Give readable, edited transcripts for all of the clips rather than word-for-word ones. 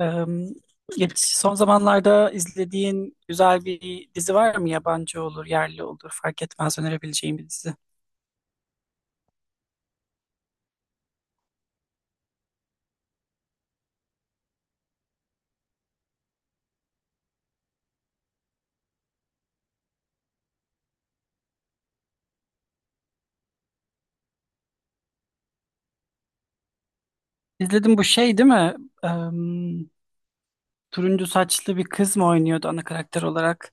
Eee, son zamanlarda izlediğin güzel bir dizi var mı? Yabancı olur, yerli olur, fark etmez, önerebileceğim bir dizi. İzledim, bu şey değil mi? Turuncu saçlı bir kız mı oynuyordu ana karakter olarak?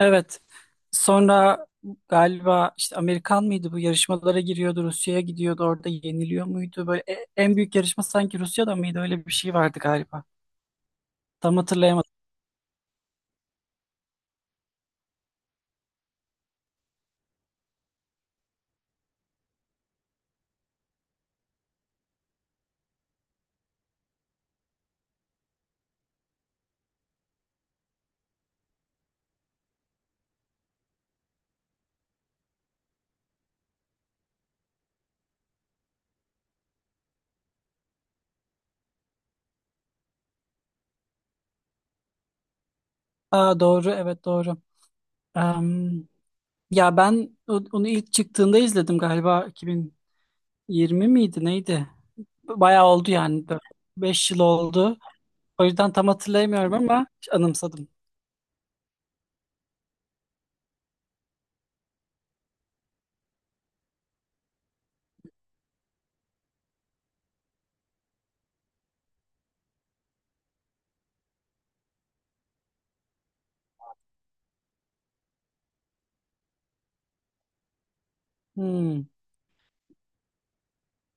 Evet. Sonra galiba işte Amerikan mıydı, bu yarışmalara giriyordu, Rusya'ya gidiyordu, orada yeniliyor muydu? Böyle en büyük yarışma sanki Rusya'da mıydı? Öyle bir şey vardı galiba. Tam hatırlayamadım. Aa, doğru, evet, doğru. Em, ya ben onu ilk çıktığında izledim, galiba 2020 miydi neydi? Bayağı oldu yani, 5 yıl oldu. O yüzden tam hatırlayamıyorum ama anımsadım. Hmm.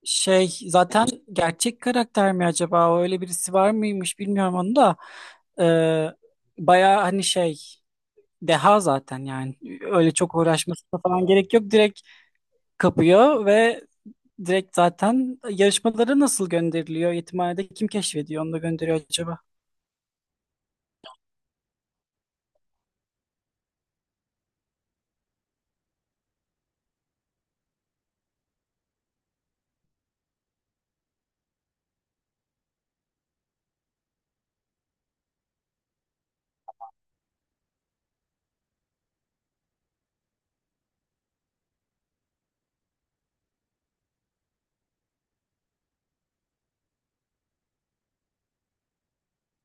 Şey, zaten gerçek karakter mi acaba? O, öyle birisi var mıymış, bilmiyorum onu da. Ee, baya hani şey, deha zaten yani. Öyle çok uğraşmasına falan gerek yok. Direkt kapıyor ve direkt zaten yarışmalara nasıl gönderiliyor? Yetimhanede kim keşfediyor, onu da gönderiyor acaba?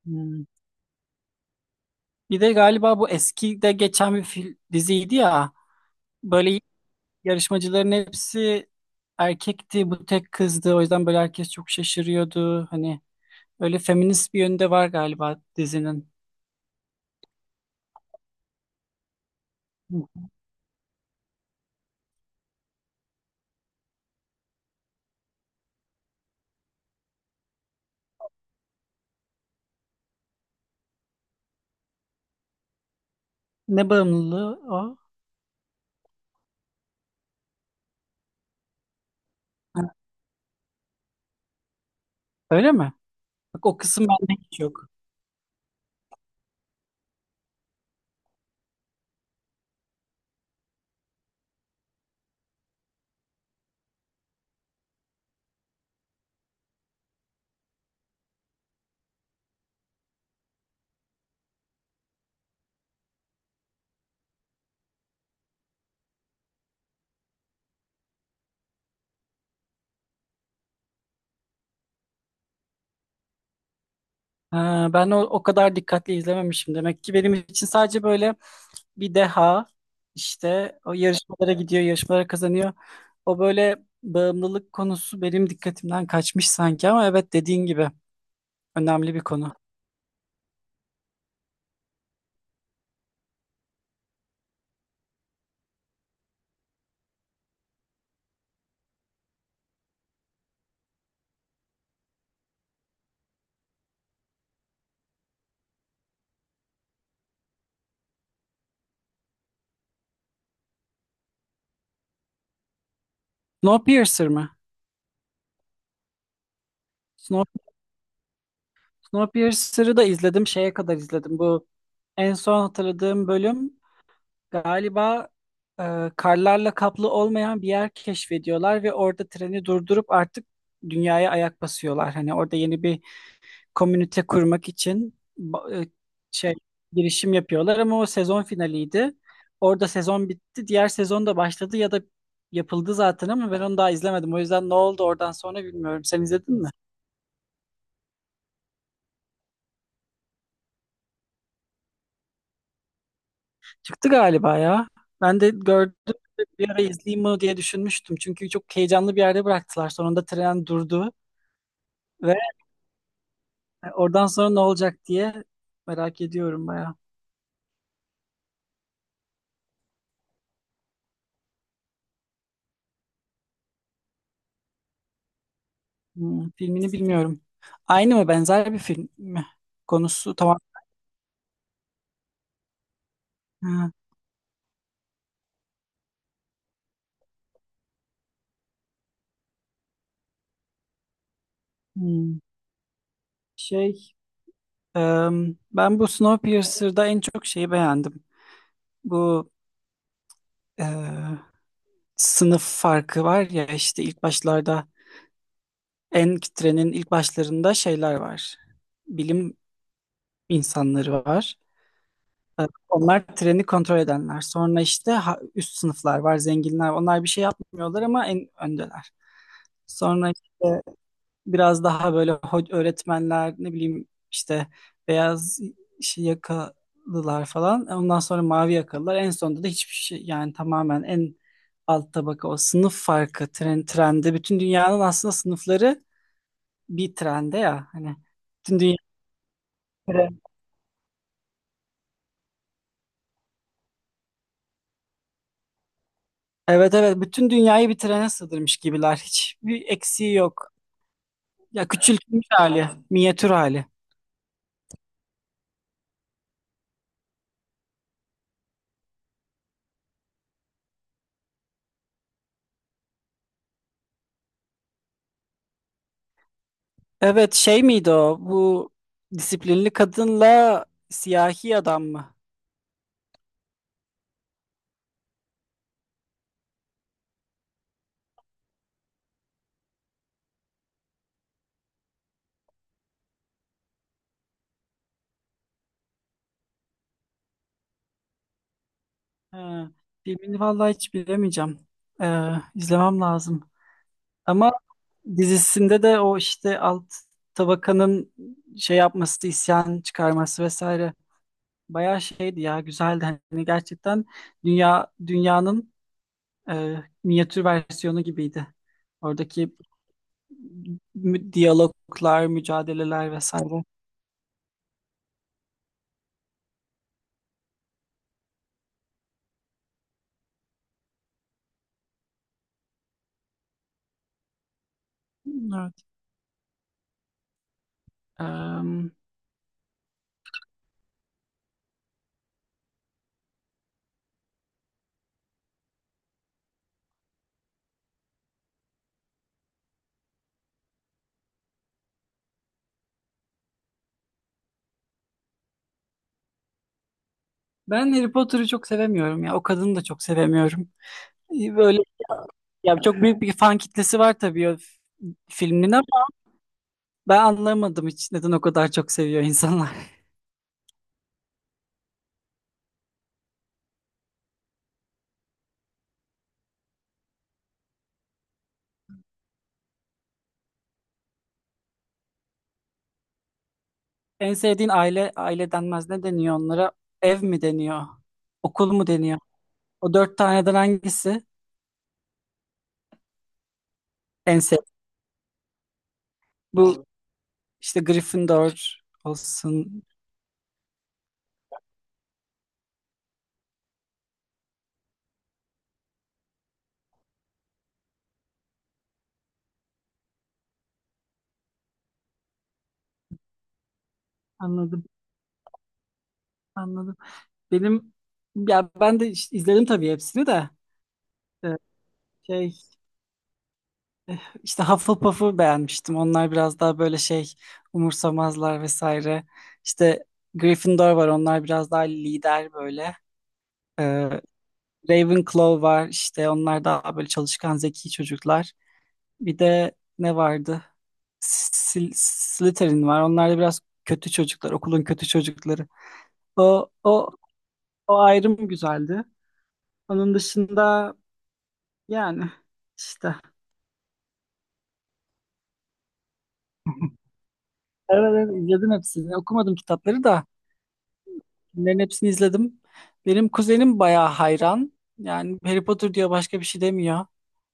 Hmm. Bir de galiba bu eski de geçen bir fil, diziydi ya. Böyle yarışmacıların hepsi erkekti, bu tek kızdı. O yüzden böyle herkes çok şaşırıyordu. Hani öyle feminist bir yönde var galiba dizinin. Ne bağımlılığı o? Ha, öyle mi? Bak, o kısım bende hiç yok. Ha, ben o kadar dikkatli izlememişim. Demek ki benim için sadece böyle bir deha, işte o yarışmalara gidiyor, yarışmalara kazanıyor. O böyle, bağımlılık konusu benim dikkatimden kaçmış sanki ama evet, dediğin gibi önemli bir konu. Snowpiercer mı? Snowpiercer'ı da izledim. Şeye kadar izledim. Bu en son hatırladığım bölüm galiba karlarla kaplı olmayan bir yer keşfediyorlar ve orada treni durdurup artık dünyaya ayak basıyorlar. Hani orada yeni bir komünite kurmak için şey, girişim yapıyorlar ama o sezon finaliydi. Orada sezon bitti. Diğer sezon da başladı ya da yapıldı zaten ama ben onu daha izlemedim. O yüzden ne oldu oradan sonra bilmiyorum. Sen izledin mi? Çıktı galiba ya. Ben de gördüm, bir ara izleyeyim mi diye düşünmüştüm. Çünkü çok heyecanlı bir yerde bıraktılar. Sonunda tren durdu ve oradan sonra ne olacak diye merak ediyorum bayağı. Hmm, filmini bilmiyorum. Aynı mı, benzer bir film mi? Konusu tamam. Ha, hmm. Şey, Ben bu Snowpiercer'da en çok şeyi beğendim. Bu e, sınıf farkı var ya, işte ilk başlarda, en trenin ilk başlarında şeyler var, bilim insanları var. Ee, Onlar treni kontrol edenler. Sonra işte üst sınıflar var, zenginler. Onlar bir şey yapmıyorlar ama en öndeler. Sonra işte biraz daha böyle öğretmenler, ne bileyim işte, beyaz şey yakalılar falan. Ondan sonra mavi yakalılar. En sonunda da hiçbir şey, yani tamamen en alt tabaka o sınıf farkı, trende. Bütün dünyanın aslında sınıfları bir trende ya. Hani bütün dünya. Evet, evet, bütün dünyayı bir trene sığdırmış gibiler. Hiçbir eksiği yok. Ya, küçültmüş hali, minyatür hali. Evet, şey miydi o? Bu disiplinli kadınla siyahi adam mı? Ha, filmini vallahi hiç bilemeyeceğim. İzlemem lazım. Ama dizisinde de o işte alt tabakanın şey yapması, isyan çıkarması vesaire. Bayağı şeydi ya, güzeldi. Hani gerçekten dünyanın e, minyatür versiyonu gibiydi. Oradaki diyaloglar, mücadeleler vesaire. Evet. Em, ben Harry Potter'ı çok sevemiyorum ya. O kadını da çok sevemiyorum. Böyle ya, çok büyük bir fan kitlesi var tabii, o filmin ama ben anlamadım hiç neden o kadar çok seviyor insanlar. En sevdiğin aile, aile denmez, ne deniyor onlara? Ev mi deniyor? Okul mu deniyor? O 4 taneden hangisi en sevdiğin? Bu işte Gryffindor olsun. Anladım. Anladım. Benim ben de işte izledim tabii hepsini de. Ee, şey, işte Hufflepuff'u beğenmiştim. Onlar biraz daha böyle şey, umursamazlar vesaire. İşte Gryffindor var. Onlar biraz daha lider böyle. Ee, Ravenclaw var. İşte onlar daha böyle çalışkan, zeki çocuklar. Bir de ne vardı? Slytherin var. Onlar da biraz kötü çocuklar, okulun kötü çocukları. O o o ayrım güzeldi. Onun dışında, yani işte, evet, ara izledim hepsini. Okumadım kitapları da bunların hepsini izledim. Benim kuzenim bayağı hayran. Yani Harry Potter diyor, başka bir şey demiyor.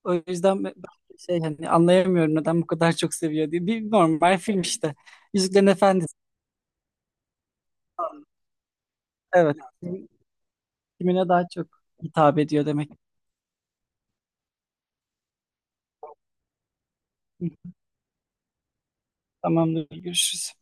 O yüzden ben şey, hani anlayamıyorum neden bu kadar çok seviyor diye. Bir normal film işte. Yüzüklerin Efendisi. Evet. Kim- Kimine daha çok hitap ediyor demek. Hı, tamamdır. Görüşürüz.